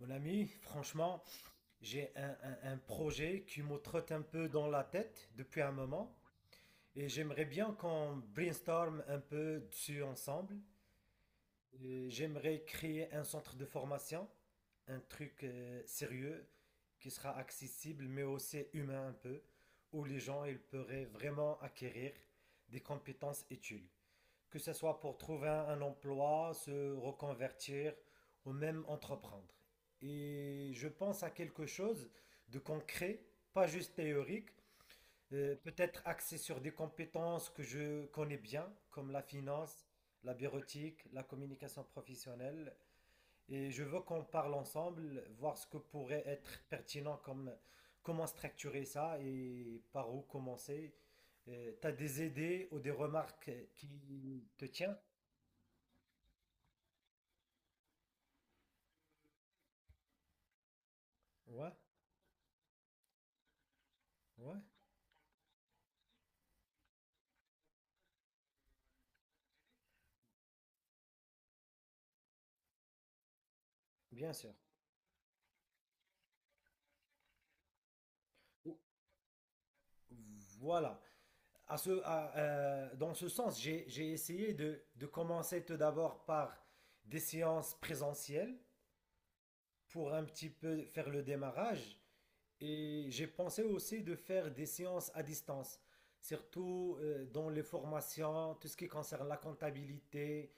Mon ami, franchement, j'ai un projet qui me trotte un peu dans la tête depuis un moment et j'aimerais bien qu'on brainstorm un peu dessus ensemble. J'aimerais créer un centre de formation, un truc sérieux qui sera accessible mais aussi humain un peu, où les gens ils pourraient vraiment acquérir des compétences utiles, que ce soit pour trouver un emploi, se reconvertir ou même entreprendre. Et je pense à quelque chose de concret, pas juste théorique, peut-être axé sur des compétences que je connais bien, comme la finance, la bureautique, la communication professionnelle. Et je veux qu'on parle ensemble, voir ce que pourrait être pertinent, comme comment structurer ça et par où commencer. Tu as des idées ou des remarques qui te tiennent? Ouais, ouais, bien sûr. Ou- Voilà. Dans ce sens, j'ai essayé de commencer tout d'abord par des séances présentielles pour un petit peu faire le démarrage. Et j'ai pensé aussi de faire des séances à distance, surtout dans les formations, tout ce qui concerne la comptabilité.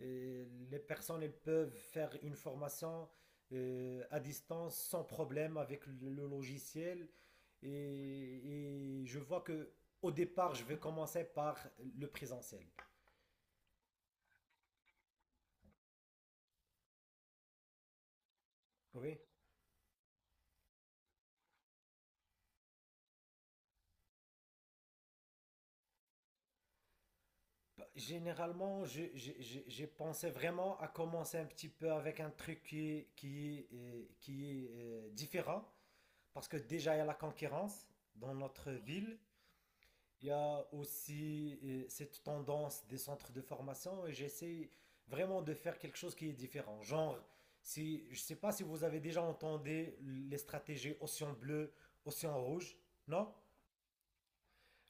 Euh, les personnes elles peuvent faire une formation à distance sans problème avec le logiciel. Et, et je vois que au départ, je vais commencer par le présentiel. Oui. Généralement, j'ai pensé vraiment à commencer un petit peu avec un truc qui est différent. Parce que déjà, il y a la concurrence dans notre ville. Il y a aussi cette tendance des centres de formation et j'essaie vraiment de faire quelque chose qui est différent. Genre, si, je ne sais pas si vous avez déjà entendu les stratégies océan bleu, océan rouge, non?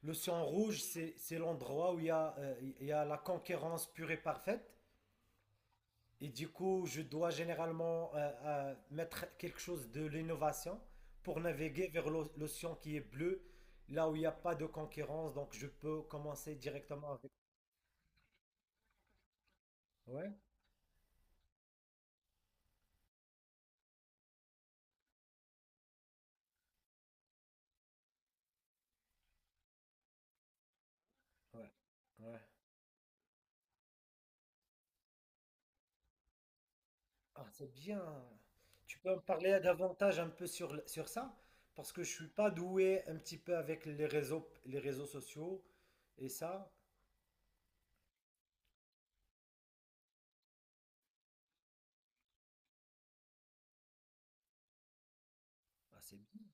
L'océan rouge, c'est l'endroit où il y a la concurrence pure et parfaite. Et du coup, je dois généralement mettre quelque chose de l'innovation pour naviguer vers l'océan qui est bleu, là où il n'y a pas de concurrence. Donc, je peux commencer directement avec. Ouais, ouais, ouais. Ah, c'est bien. Tu peux me parler davantage un peu sur ça? Parce que je suis pas doué un petit peu avec les réseaux sociaux et ça. Ah, c'est bien.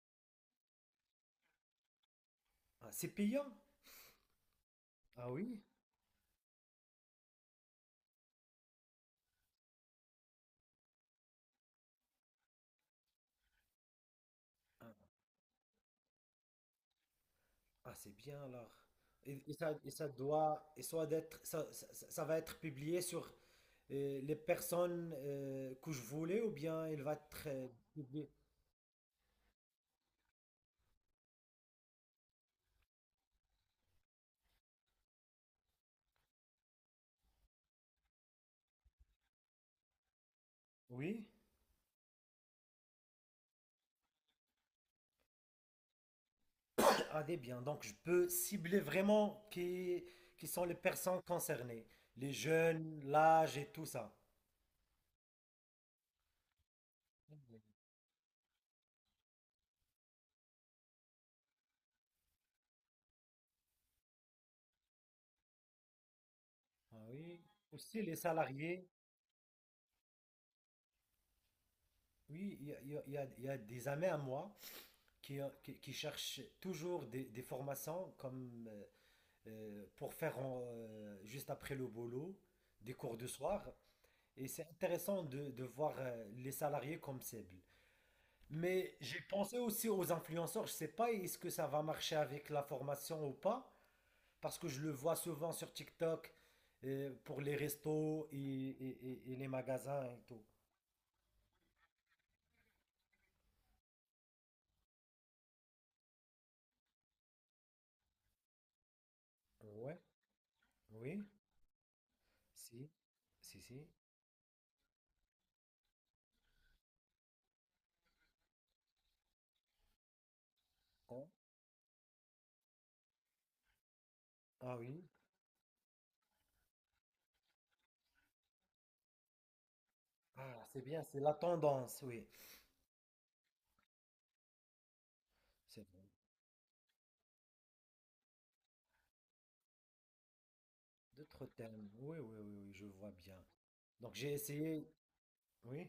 Ah, c'est payant? Ah oui? Ah, c'est bien alors. Et ça doit, et soit d'être, ça- ça- ça va être publié sur les personnes que je voulais, ou bien il va être publié? Oui. Ah, des biens. Donc, je peux cibler vraiment qui sont les personnes concernées, les jeunes, l'âge et tout ça. Ah oui, aussi les salariés. Oui, il y a des amis à moi qui cherchent toujours des formations comme pour juste après le boulot des cours de soir. Et c'est intéressant de voir les salariés comme cible. Mais j'ai pensé aussi aux influenceurs. Je sais pas est-ce que ça va marcher avec la formation ou pas, parce que je le vois souvent sur TikTok, pour les restos et les magasins et tout. Ouais, oui, si, si, si. Oh, ah oui. Ah, c'est bien, c'est la tendance, oui. C'est d'autres thèmes. Oui, oui, oui, oui, je vois bien. Donc j'ai essayé. Oui,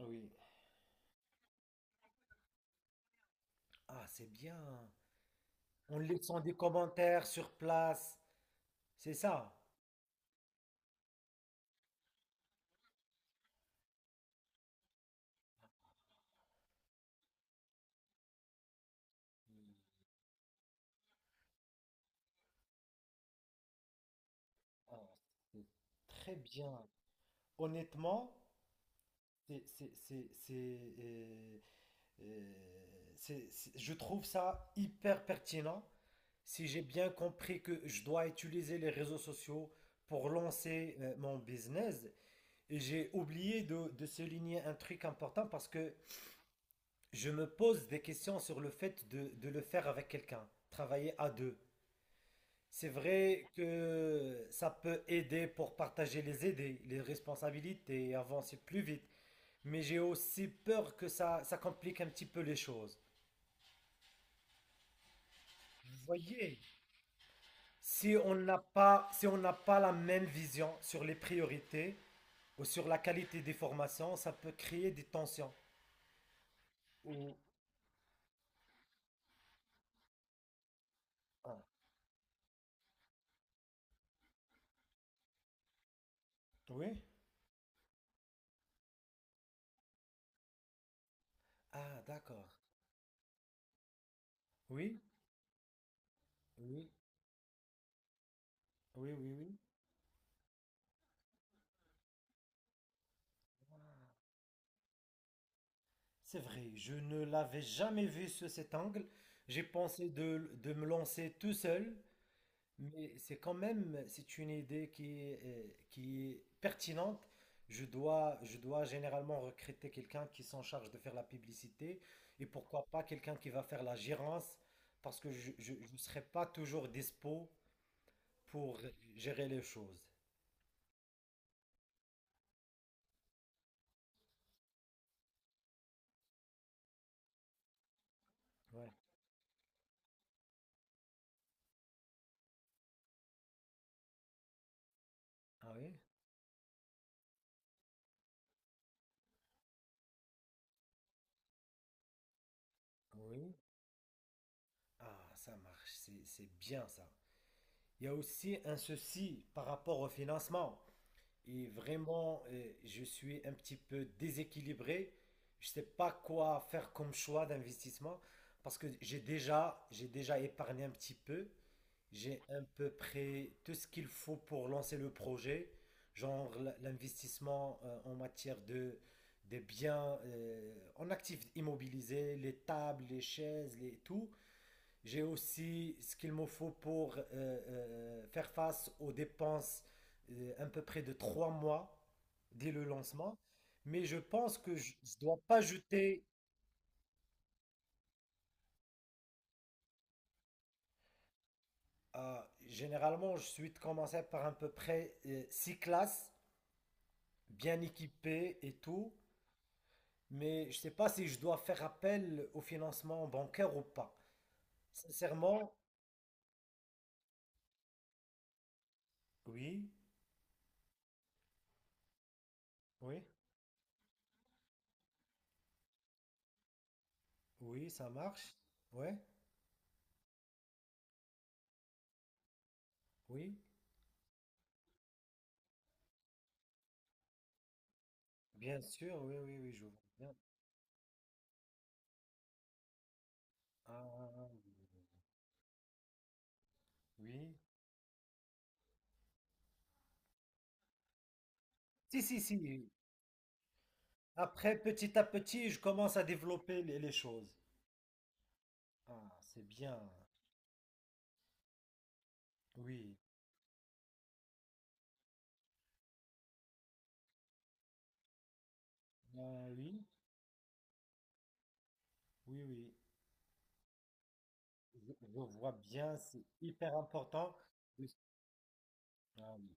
oui. Ah, c'est bien. En laissant des commentaires sur place. C'est ça. Mm. Ah, c'est très bien. Honnêtement, c'est, c'est, c'est, c'est, euh, je trouve ça hyper pertinent. Si j'ai bien compris que je dois utiliser les réseaux sociaux pour lancer mon business, j'ai oublié de souligner un truc important, parce que je me pose des questions sur le fait de le faire avec quelqu'un, travailler à deux. C'est vrai que ça peut aider pour partager les idées, les responsabilités et avancer plus vite, mais j'ai aussi peur que ça complique un petit peu les choses. Vous voyez, si on n'a pas la même vision sur les priorités ou sur la qualité des formations, ça peut créer des tensions. Ou- Ah, oui. Ah, d'accord. Oui, oui, oui, oui, oui. C'est vrai, je ne l'avais jamais vu sous cet angle. J'ai pensé de me lancer tout seul, mais c'est quand même, c'est une idée qui est pertinente. Je dois généralement recruter quelqu'un qui s'en charge de faire la publicité, et pourquoi pas quelqu'un qui va faire la gérance, parce que je ne serai pas toujours dispo pour gérer les choses. Ouais. Ah oui? Oui. Ah, ça marche, c'est bien ça. Il y a aussi un souci par rapport au financement. Et vraiment, je suis un petit peu déséquilibré. Je sais pas quoi faire comme choix d'investissement, parce que j'ai déjà épargné un petit peu. J'ai à peu près tout ce qu'il faut pour lancer le projet, genre l'investissement en matière de des biens en actifs immobilisés, les tables, les chaises, les tout. J'ai aussi ce qu'il me faut pour faire face aux dépenses à peu près de 3 mois dès le lancement. Mais je pense que je ne dois pas jeter. Généralement je suis commencé par à peu près 6 classes, bien équipées et tout. Mais je ne sais pas si je dois faire appel au financement bancaire ou pas. Sincèrement, oui, oui, oui, ça marche. Ouais, oui, bien sûr, oui, oui, oui, je vois bien. Ah, oui. Si, si, si. Après, petit à petit, je commence à développer les choses. Ah, c'est bien. Oui. Ben oui, oui, oui. Je vois bien, c'est hyper important. De- Ah oui.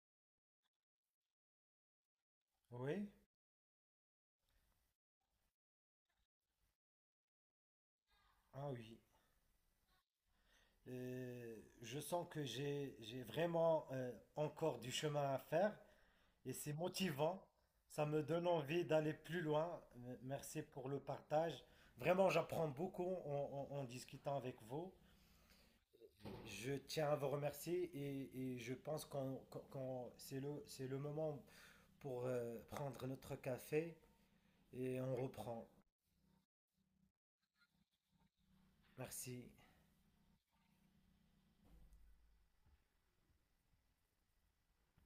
Oui, ah oui. Euh, je sens que j'ai vraiment encore du chemin à faire. Et c'est motivant, ça me donne envie d'aller plus loin. Merci pour le partage. Vraiment, j'apprends beaucoup en discutant avec vous. Je tiens à vous remercier, et je pense c'est le moment pour prendre notre café et on reprend. Merci.